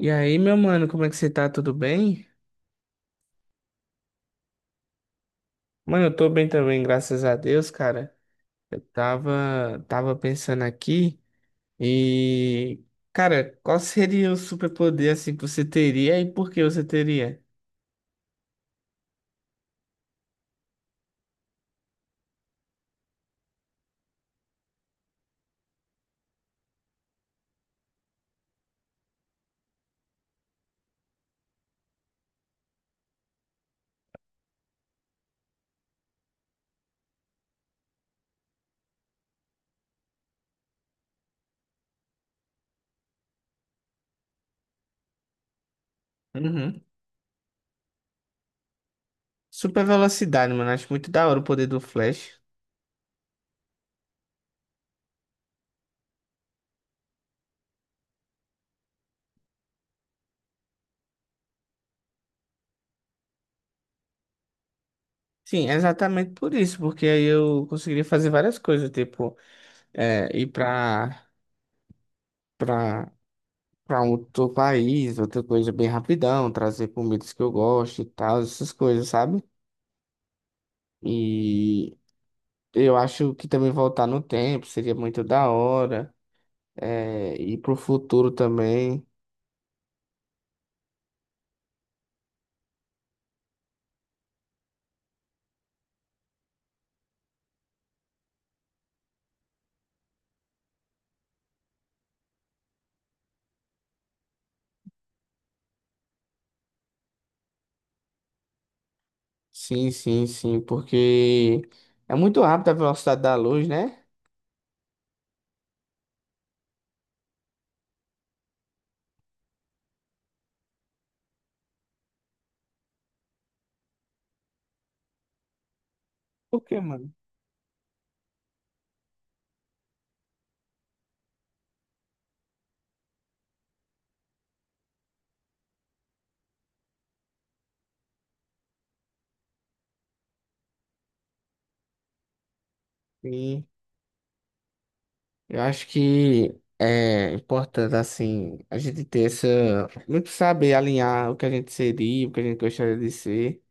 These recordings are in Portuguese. E aí, meu mano, como é que você tá? Tudo bem? Mano, eu tô bem também, graças a Deus, cara. Eu tava pensando aqui e, cara, qual seria o superpoder assim que você teria e por que você teria? Uhum. Super velocidade, mano. Acho muito da hora o poder do Flash. Sim, é exatamente por isso, porque aí eu conseguiria fazer várias coisas, tipo, é, ir pra, pra, pra um outro país, outra coisa bem rapidão, trazer comidas que eu gosto e tal, essas coisas, sabe? E eu acho que também voltar no tempo seria muito da hora. É, e pro futuro também. Sim, porque é muito rápido a velocidade da luz, né? Por quê, mano? Sim. Eu acho que é importante, assim, a gente ter essa. Muito saber alinhar o que a gente seria, o que a gente gostaria de ser.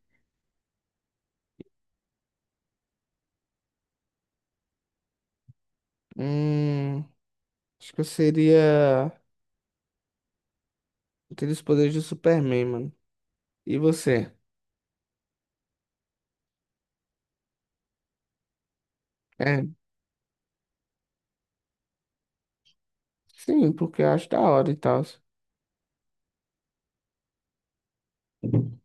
Hum, acho que eu seria. Ter os poderes do Superman, mano. E você? É, sim, porque eu acho da hora e tal. Hum,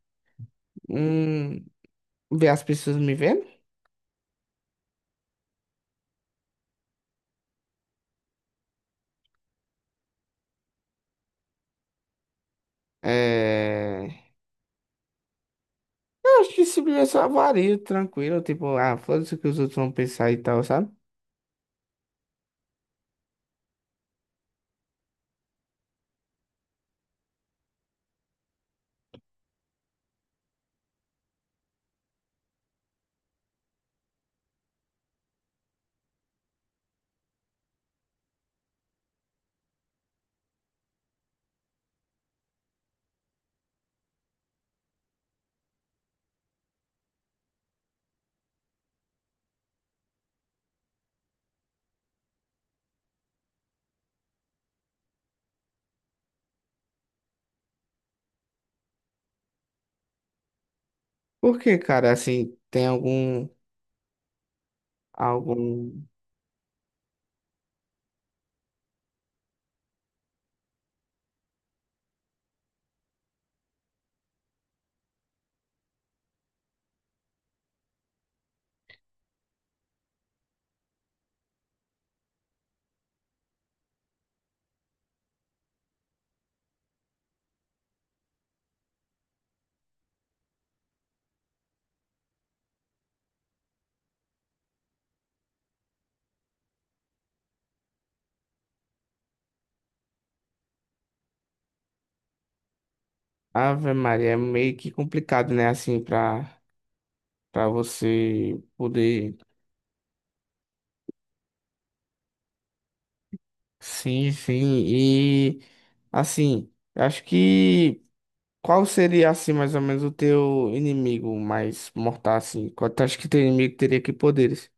ver as pessoas me vendo? É... Eu acho que simplesmente só vario, tranquilo, tipo, ah, foda-se o que os outros vão pensar e tal, sabe? Porque, cara, assim, tem algum, algum... Ave Maria, é meio que complicado, né, assim, pra você poder... Sim, sim, e, assim, eu acho que... Qual seria, assim, mais ou menos o teu inimigo mais mortal, assim? Qual tu acha que teu inimigo teria que poderes?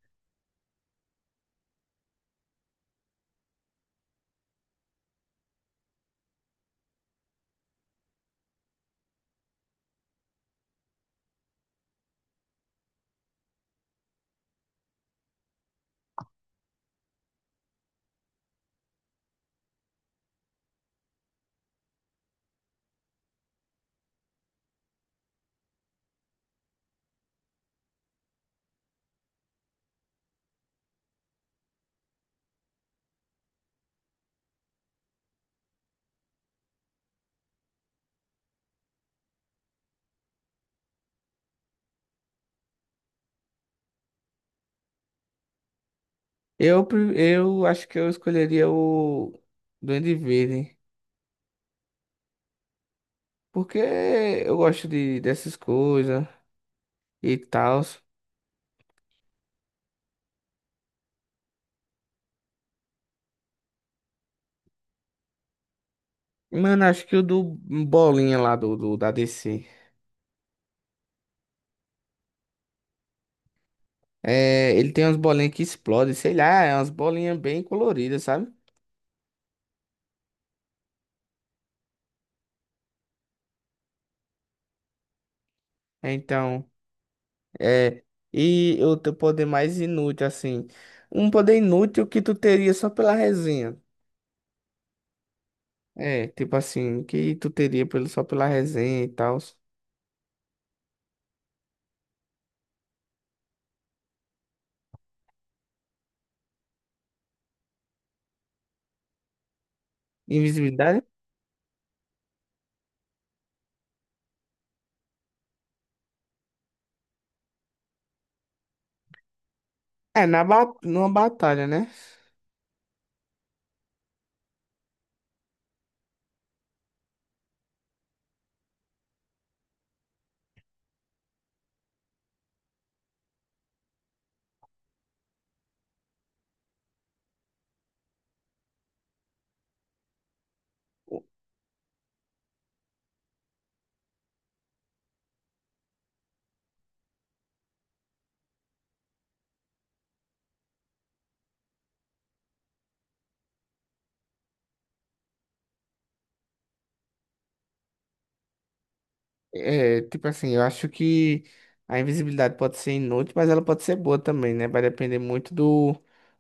Eu, eu acho que eu escolheria o Duende Verde, porque eu gosto de, dessas coisas e tal. Mano, acho que o do Bolinha lá da DC. É, ele tem umas bolinhas que explodem, sei lá, é umas bolinhas bem coloridas, sabe? Então, é. E o teu poder mais inútil, assim. Um poder inútil que tu teria só pela resenha. É, tipo assim, que tu teria pelo, só pela resenha e tal. Invisibilidade? É, na ba numa batalha, né? É, tipo assim, eu acho que a invisibilidade pode ser inútil, mas ela pode ser boa também, né? Vai depender muito do,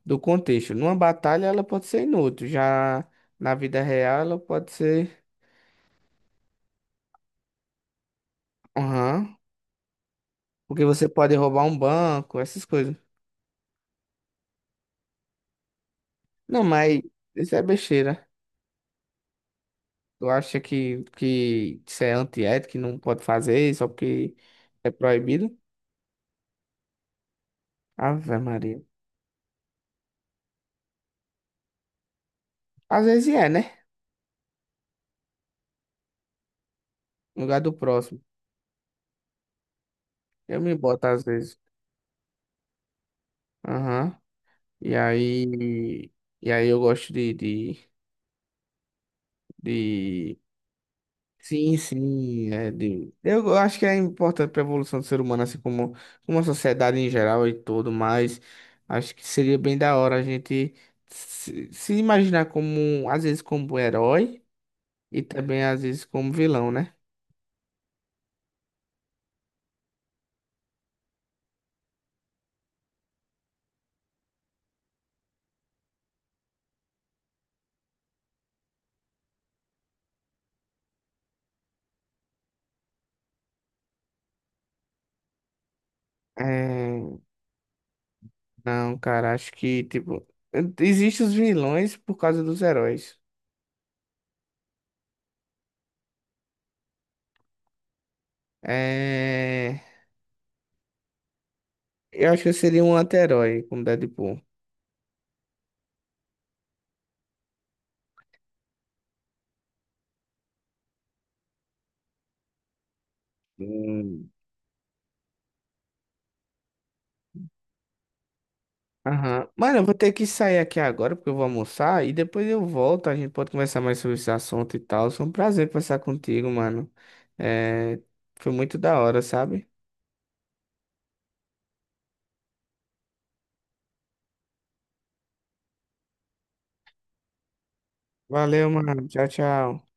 do contexto. Numa batalha ela pode ser inútil, já na vida real ela pode ser. Aham. Porque você pode roubar um banco, essas coisas. Não, mas isso é besteira. Tu acha que isso é antiético, que não pode fazer só porque é proibido? Ave Maria. Às vezes é, né? No lugar do próximo. Eu me boto às vezes. Aham. E aí. E aí eu gosto de... Sim, sim. É de... Eu acho que é importante para a evolução do ser humano, assim como, como a sociedade em geral e tudo, mas acho que seria bem da hora a gente se imaginar como, às vezes, como herói e também, às vezes, como vilão, né? É... Não, cara, acho que, tipo, existem os vilões por causa dos heróis. É... Eu acho que eu seria um anti-herói com Deadpool. Hum. Aham. Mano, eu vou ter que sair aqui agora porque eu vou almoçar e depois eu volto. A gente pode conversar mais sobre esse assunto e tal. Foi um prazer conversar contigo, mano. É, foi muito da hora, sabe? Valeu, mano. Tchau, tchau.